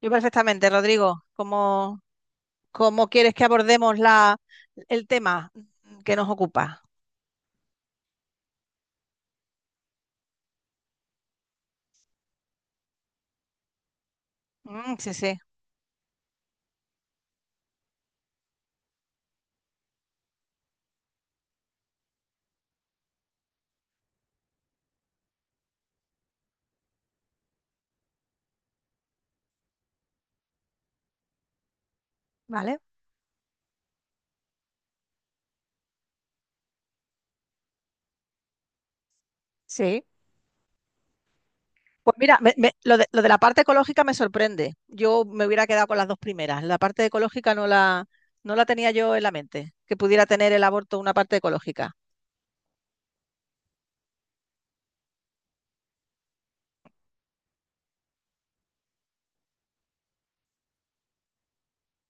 Yo perfectamente, Rodrigo. ¿Cómo quieres que abordemos el tema que nos ocupa? Sí, sí, vale. Sí. Pues mira, lo de la parte ecológica me sorprende. Yo me hubiera quedado con las dos primeras. La parte ecológica no la tenía yo en la mente, que pudiera tener el aborto una parte ecológica.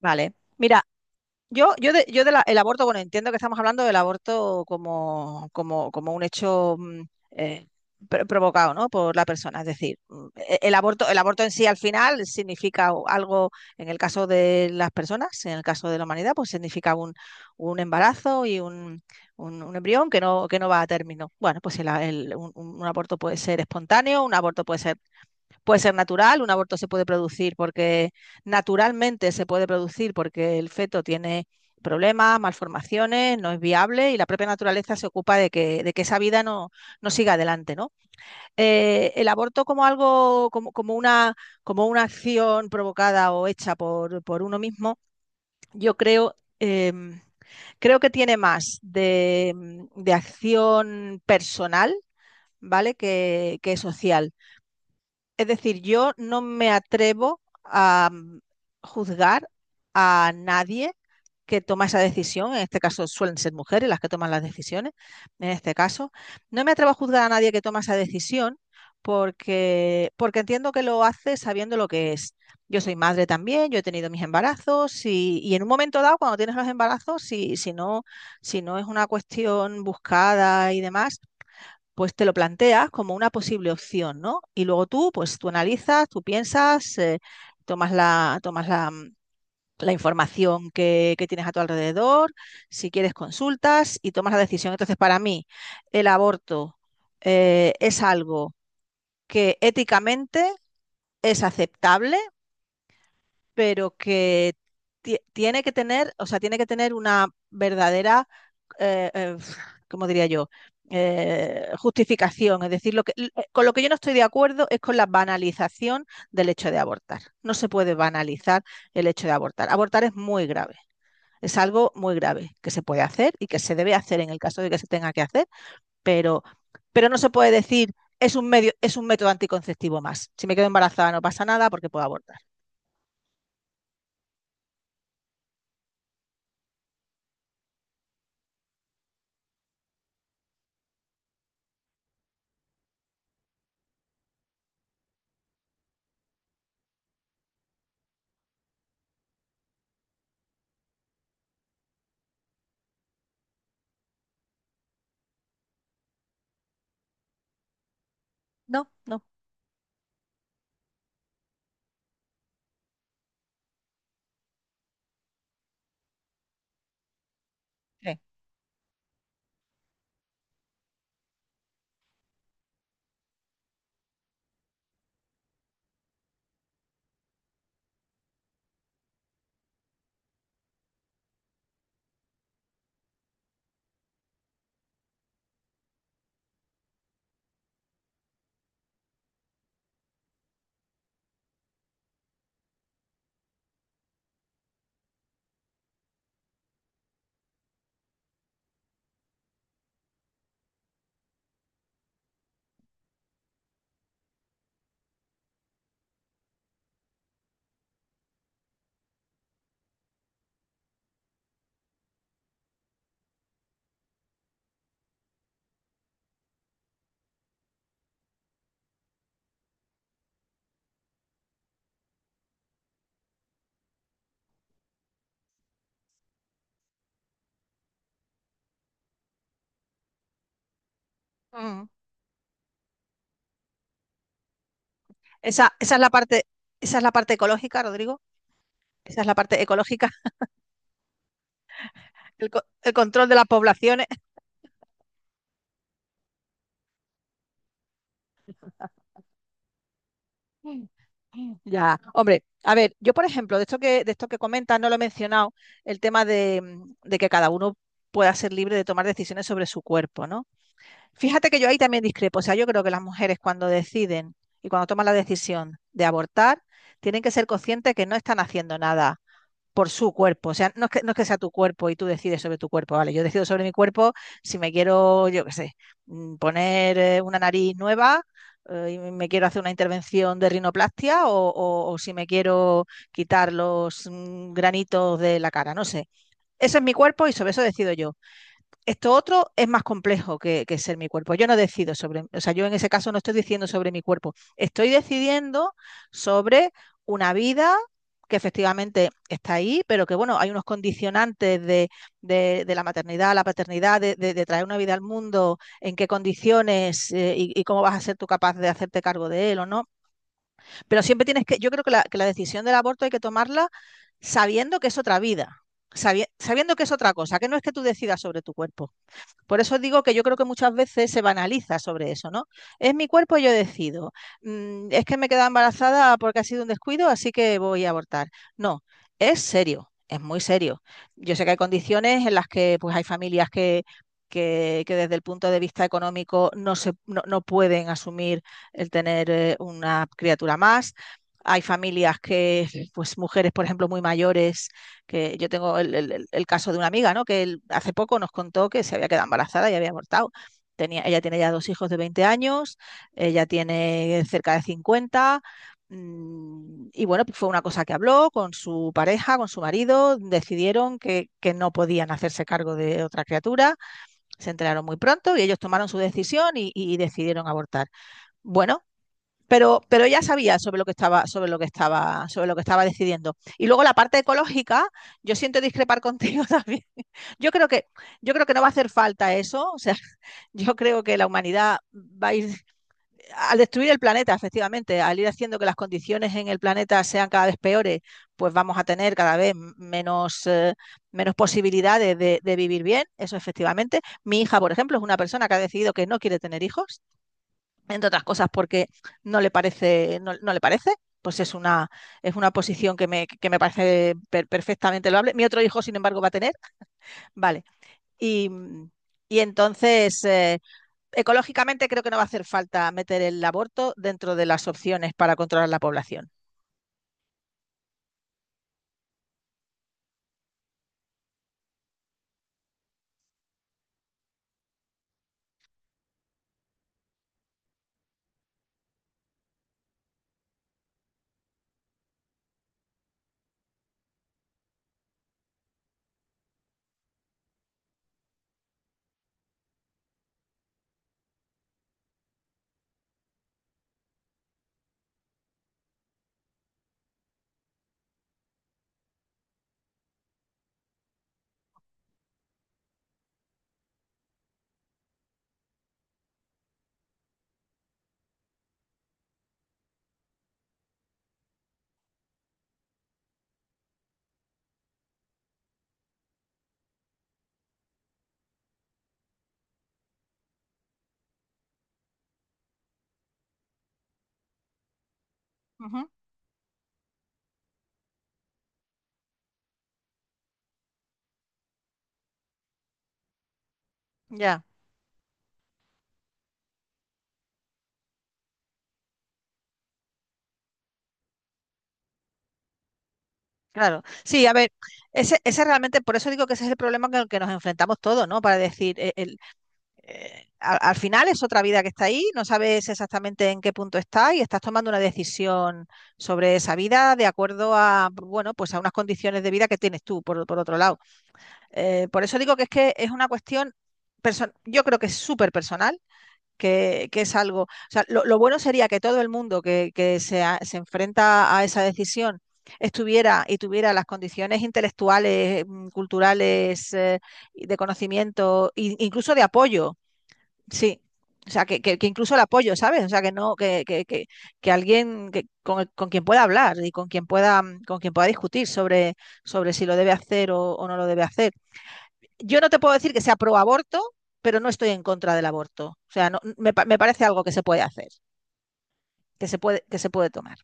Vale. Mira, yo de el aborto, bueno, entiendo que estamos hablando del aborto como un hecho eh, provocado, ¿no?, por la persona. Es decir, el aborto en sí al final significa algo, en el caso de las personas, en el caso de la humanidad, pues significa un embarazo y un embrión que no va a término. Bueno, pues un aborto puede ser espontáneo, un aborto puede ser natural, un aborto se puede producir porque naturalmente se puede producir porque el feto tiene problemas, malformaciones, no es viable y la propia naturaleza se ocupa de de que esa vida no siga adelante, ¿no? El aborto como algo, una, como una acción provocada o hecha por uno mismo, yo creo, creo que tiene más de acción personal, ¿vale? Social. Es decir, yo no me atrevo a juzgar a nadie que toma esa decisión. En este caso suelen ser mujeres las que toman las decisiones. En este caso, no me atrevo a juzgar a nadie que toma esa decisión porque, porque entiendo que lo hace sabiendo lo que es. Yo soy madre también, yo he tenido mis embarazos y en un momento dado, cuando tienes los embarazos, si no es una cuestión buscada y demás, pues te lo planteas como una posible opción, ¿no? Y luego tú, pues tú analizas, tú piensas, tomas la información que tienes a tu alrededor, si quieres consultas y tomas la decisión. Entonces, para mí, el aborto es algo que éticamente es aceptable, pero que tiene que tener, o sea, tiene que tener una verdadera, eh, eh, ¿cómo diría yo? Justificación. Es decir, con lo que yo no estoy de acuerdo es con la banalización del hecho de abortar. No se puede banalizar el hecho de abortar. Abortar es muy grave. Es algo muy grave que se puede hacer y que se debe hacer en el caso de que se tenga que hacer, pero, pero no se puede decir es un medio, es un método anticonceptivo más. Si me quedo embarazada no pasa nada porque puedo abortar. No, no. Sí. Mm. Esa es la parte, esa es la parte ecológica, Rodrigo. Esa es la parte ecológica, el, el control de las poblaciones. Ya, hombre, a ver, yo por ejemplo, de esto de esto que comentas, no lo he mencionado, el tema de, de que cada uno pueda ser libre de tomar decisiones sobre su cuerpo, ¿no? Fíjate que yo ahí también discrepo. O sea, yo creo que las mujeres cuando deciden y cuando toman la decisión de abortar, tienen que ser conscientes que no están haciendo nada por su cuerpo. O sea, no es que sea tu cuerpo y tú decides sobre tu cuerpo, ¿vale? Yo decido sobre mi cuerpo si me quiero, yo qué sé, poner una nariz nueva, y me quiero hacer una intervención de rinoplastia o, si me quiero quitar los granitos de la cara, no sé. Eso es mi cuerpo y sobre eso decido yo. Esto otro es más complejo que ser mi cuerpo. Yo no decido sobre, o sea, yo en ese caso no estoy diciendo sobre mi cuerpo, estoy decidiendo sobre una vida que efectivamente está ahí, pero que bueno, hay unos condicionantes de la maternidad, la paternidad, de traer una vida al mundo, en qué condiciones, cómo vas a ser tú capaz de hacerte cargo de él o no. Pero siempre tienes que, yo creo que la decisión del aborto hay que tomarla sabiendo que es otra vida, sabiendo que es otra cosa, que no es que tú decidas sobre tu cuerpo, por eso digo que yo creo que muchas veces se banaliza sobre eso, ¿no? Es mi cuerpo, y yo decido. Mm, es que me queda embarazada porque ha sido un descuido, así que voy a abortar. No, es serio, es muy serio. Yo sé que hay condiciones en las que pues, hay familias que desde el punto de vista económico no, se, no, no pueden asumir el tener, una criatura más. Hay familias que, pues mujeres, por ejemplo, muy mayores, que yo tengo el caso de una amiga, ¿no? Que él hace poco nos contó que se había quedado embarazada y había abortado. Tenía, ella tiene ya dos hijos de 20 años, ella tiene cerca de 50, y bueno, pues fue una cosa que habló con su pareja, con su marido, decidieron que no podían hacerse cargo de otra criatura, se enteraron muy pronto y ellos tomaron su decisión y decidieron abortar. Bueno, pero ella sabía sobre lo que estaba, sobre lo que estaba, sobre lo que estaba decidiendo. Y luego la parte ecológica, yo siento discrepar contigo también. Yo creo que, yo creo que no va a hacer falta eso. O sea, yo creo que la humanidad va a ir al destruir el planeta, efectivamente, al ir haciendo que las condiciones en el planeta sean cada vez peores, pues vamos a tener cada vez menos, menos posibilidades de vivir bien, eso efectivamente. Mi hija, por ejemplo, es una persona que ha decidido que no quiere tener hijos entre otras cosas porque no le parece, no le parece, pues es una posición que me parece perfectamente loable. Mi otro hijo, sin embargo, va a tener, vale. Y, y entonces, ecológicamente creo que no va a hacer falta meter el aborto dentro de las opciones para controlar la población. Ujú. Ya, claro. Sí, a ver, ese realmente, por eso digo que ese es el problema con el que nos enfrentamos todos, ¿no? Para decir, final es otra vida que está ahí, no sabes exactamente en qué punto está y estás tomando una decisión sobre esa vida de acuerdo a, bueno, pues a unas condiciones de vida que tienes tú, por otro lado. Por eso digo que es una cuestión, yo creo que es súper personal, es algo, o sea, bueno sería que todo el mundo se enfrenta a esa decisión estuviera y tuviera las condiciones intelectuales, culturales, y de conocimiento, e incluso de apoyo. Sí, o sea, que incluso el apoyo, ¿sabes? O sea, que no, que alguien con quien pueda hablar y con quien pueda, con quien pueda discutir sobre, sobre si lo debe hacer o no lo debe hacer. Yo no te puedo decir que sea pro aborto, pero no estoy en contra del aborto. O sea, no, me, pa- me parece algo que se puede hacer, que se puede tomar.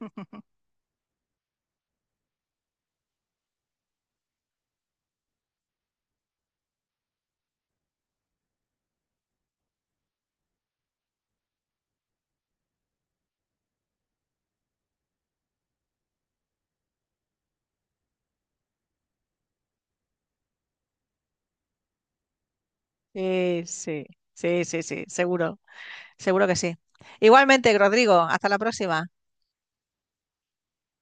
Sí, sí, sí, sí, sí, seguro, seguro que sí. Igualmente, Rodrigo, hasta la próxima.